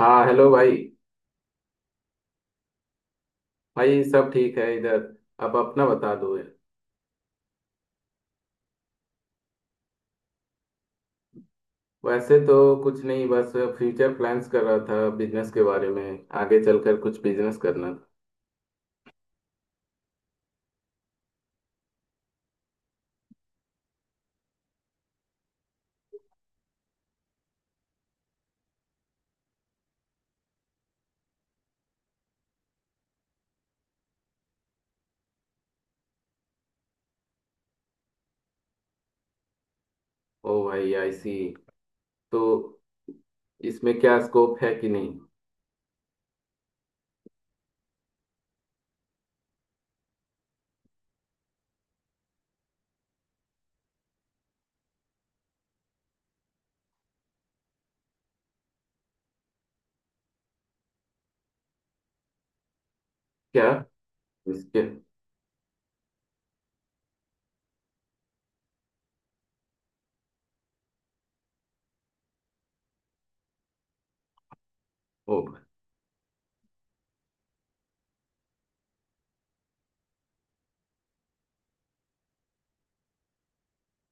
हाँ हेलो भाई। भाई सब ठीक है इधर। अब अपना बता दो यार। वैसे तो कुछ नहीं बस फ्यूचर प्लान्स कर रहा था बिजनेस के बारे में, आगे चलकर कुछ बिजनेस करना था। ओ भाई IC। तो इसमें क्या स्कोप है कि नहीं? क्या इसके? ओ भाई।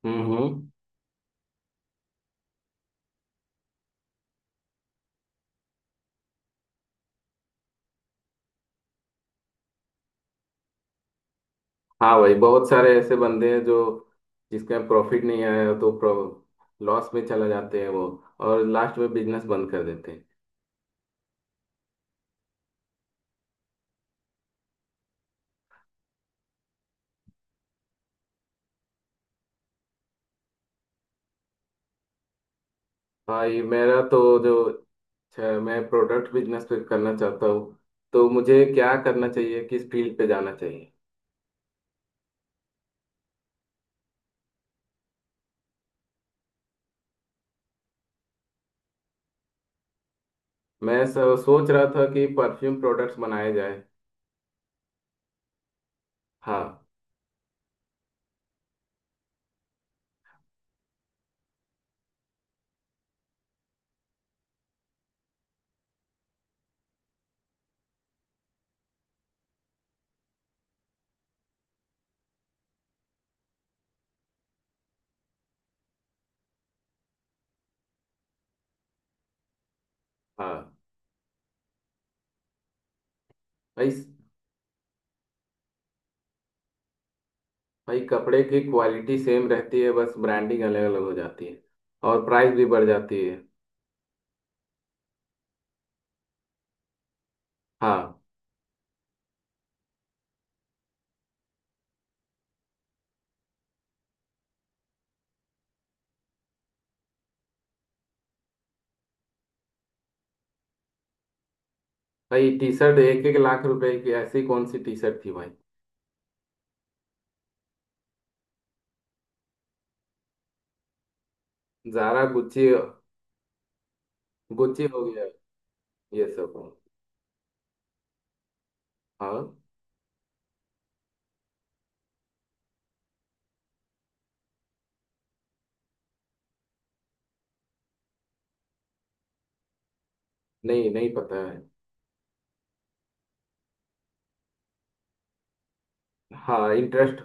हम्म। हाँ भाई, बहुत सारे ऐसे बंदे हैं जो जिसका प्रॉफिट नहीं आया तो लॉस में चला जाते हैं वो, और लास्ट में बिजनेस बंद कर देते हैं। भाई मेरा तो जो मैं प्रोडक्ट बिजनेस पे करना चाहता हूँ। तो मुझे क्या करना चाहिए, किस फील्ड पे जाना चाहिए? मैं सोच रहा था कि परफ्यूम प्रोडक्ट्स बनाए जाए। हाँ। हाँ भाई। भाई कपड़े की क्वालिटी सेम रहती है, बस ब्रांडिंग अलग अलग हो जाती है और प्राइस भी बढ़ जाती है। हाँ भाई, टी शर्ट एक एक लाख रुपए की, ऐसी कौन सी टी शर्ट थी भाई? Zara Gucci. गुच्ची हो गया। ये सब। हाँ। नहीं नहीं पता है। हाँ इंटरेस्ट।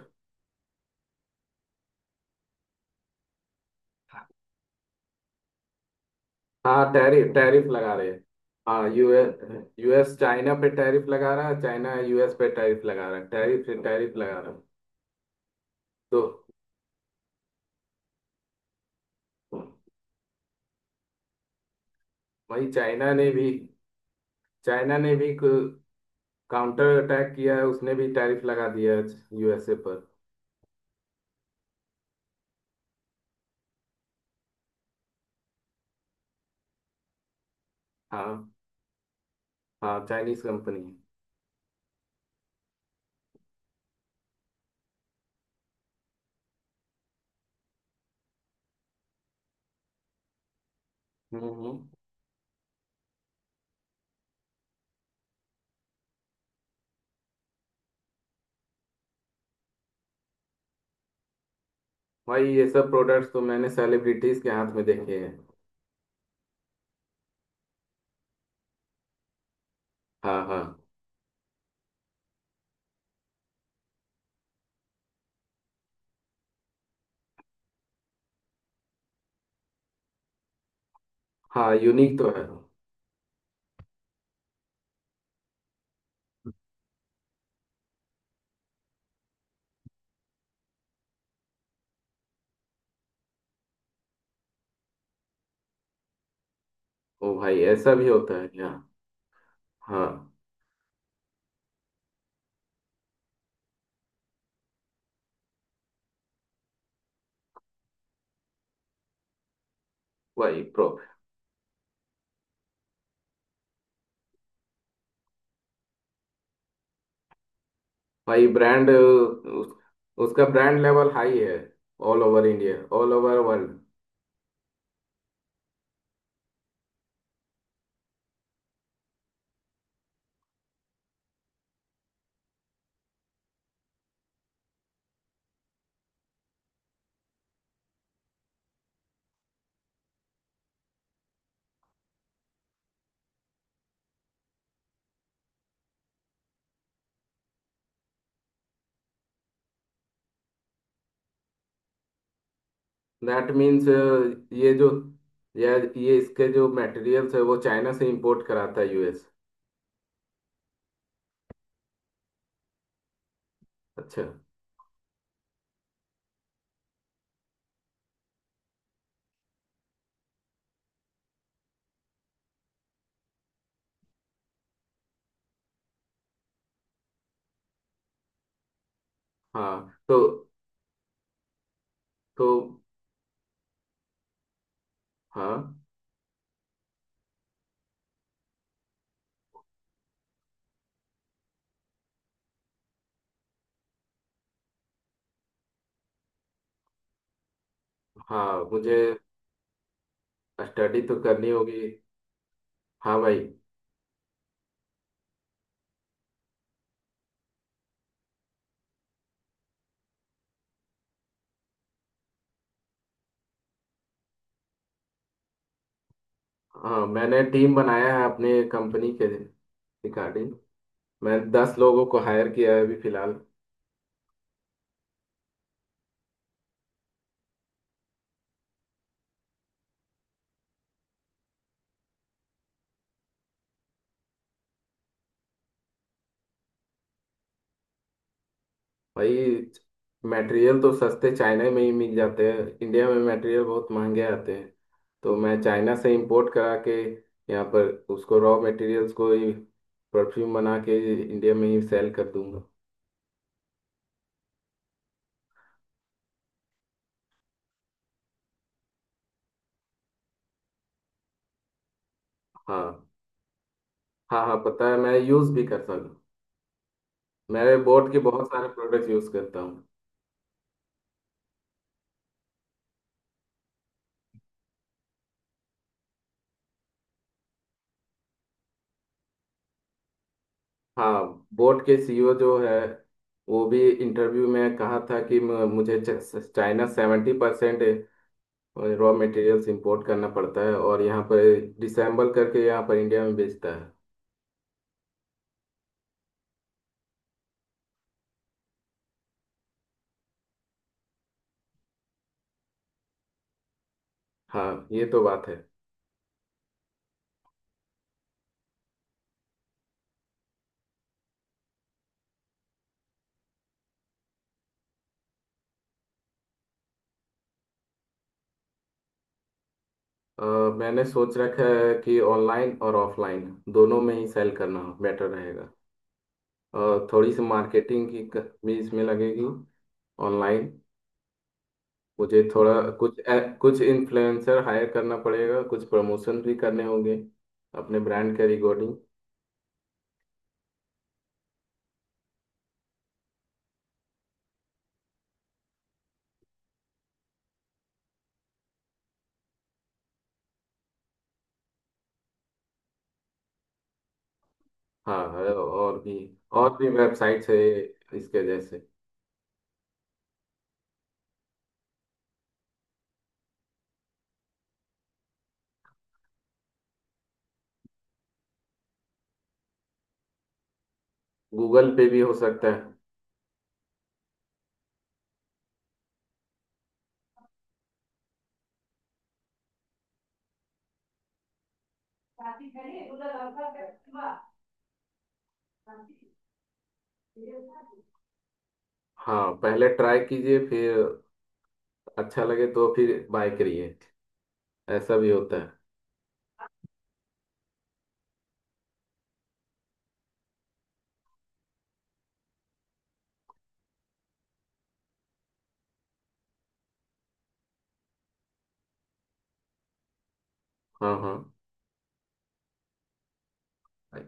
हाँ टैरिफ टैरिफ लगा रहे हैं। हाँ यूएस। यूएस चाइना पे टैरिफ लगा रहा है, चाइना यूएस पे टैरिफ लगा रहा है, टैरिफ पे टैरिफ लगा रहा है। तो वही चाइना ने भी। चाइना ने भी काउंटर अटैक किया है, उसने भी टैरिफ लगा दिया है यूएसए पर। हाँ। हाँ चाइनीज कंपनी। हम्म हम्म। भाई ये सब प्रोडक्ट्स तो मैंने सेलिब्रिटीज के हाथ में देखे हैं। हाँ हाँ। हाँ यूनिक तो है। ओ भाई ऐसा भी होता है क्या? हाँ। वही। भाई उसका ब्रांड लेवल हाई है all over India, all over world. That means ये जो, या ये इसके जो मटेरियल्स है वो चाइना से इंपोर्ट कराता है यूएस। अच्छा। हाँ तो। तो। हाँ हाँ मुझे स्टडी तो करनी होगी। हाँ भाई। हाँ मैंने टीम बनाया है अपने कंपनी के रिगार्डिंग। मैं 10 लोगों को हायर किया है अभी फिलहाल। भाई मटेरियल तो सस्ते चाइना में ही मिल जाते हैं, इंडिया में मटेरियल बहुत महंगे आते हैं। तो मैं चाइना से इंपोर्ट करा के यहाँ पर उसको रॉ मटेरियल्स को ही परफ्यूम बना के इंडिया में ही सेल कर दूंगा। हाँ। हाँ हाँ पता है, मैं यूज़ भी करता हूँ। मेरे बोट के बहुत सारे प्रोडक्ट्स यूज़ करता हूँ। हाँ बोट के CEO जो है वो भी इंटरव्यू में कहा था कि मुझे चाइना 70% रॉ मटेरियल्स इंपोर्ट करना पड़ता है और यहाँ पर डिसेंबल करके यहाँ पर इंडिया में बेचता है। हाँ ये तो बात है। अ, मैंने सोच रखा है कि ऑनलाइन और ऑफलाइन दोनों में ही सेल करना बेटर रहेगा। और थोड़ी सी मार्केटिंग की भी इसमें लगेगी। ऑनलाइन मुझे थोड़ा कुछ कुछ इन्फ्लुएंसर हायर करना पड़ेगा, कुछ प्रमोशन भी करने होंगे अपने ब्रांड के रिकॉर्डिंग। हाँ और भी। और भी वेबसाइट्स है इसके जैसे। गूगल पे भी हो सकता है। हाँ पहले ट्राई कीजिए, फिर अच्छा लगे तो फिर बाय करिए। ऐसा भी होता है। हाँ हाँ भाई।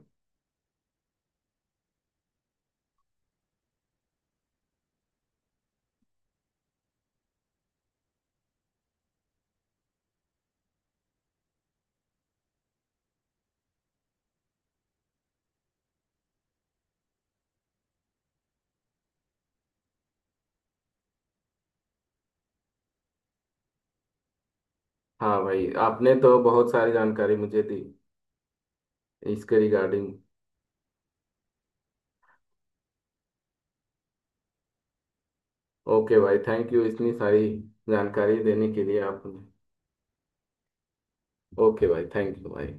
हाँ भाई आपने तो बहुत सारी जानकारी मुझे दी इसके रिगार्डिंग। ओके भाई थैंक यू इतनी सारी जानकारी देने के लिए आपने। ओके भाई थैंक यू भाई।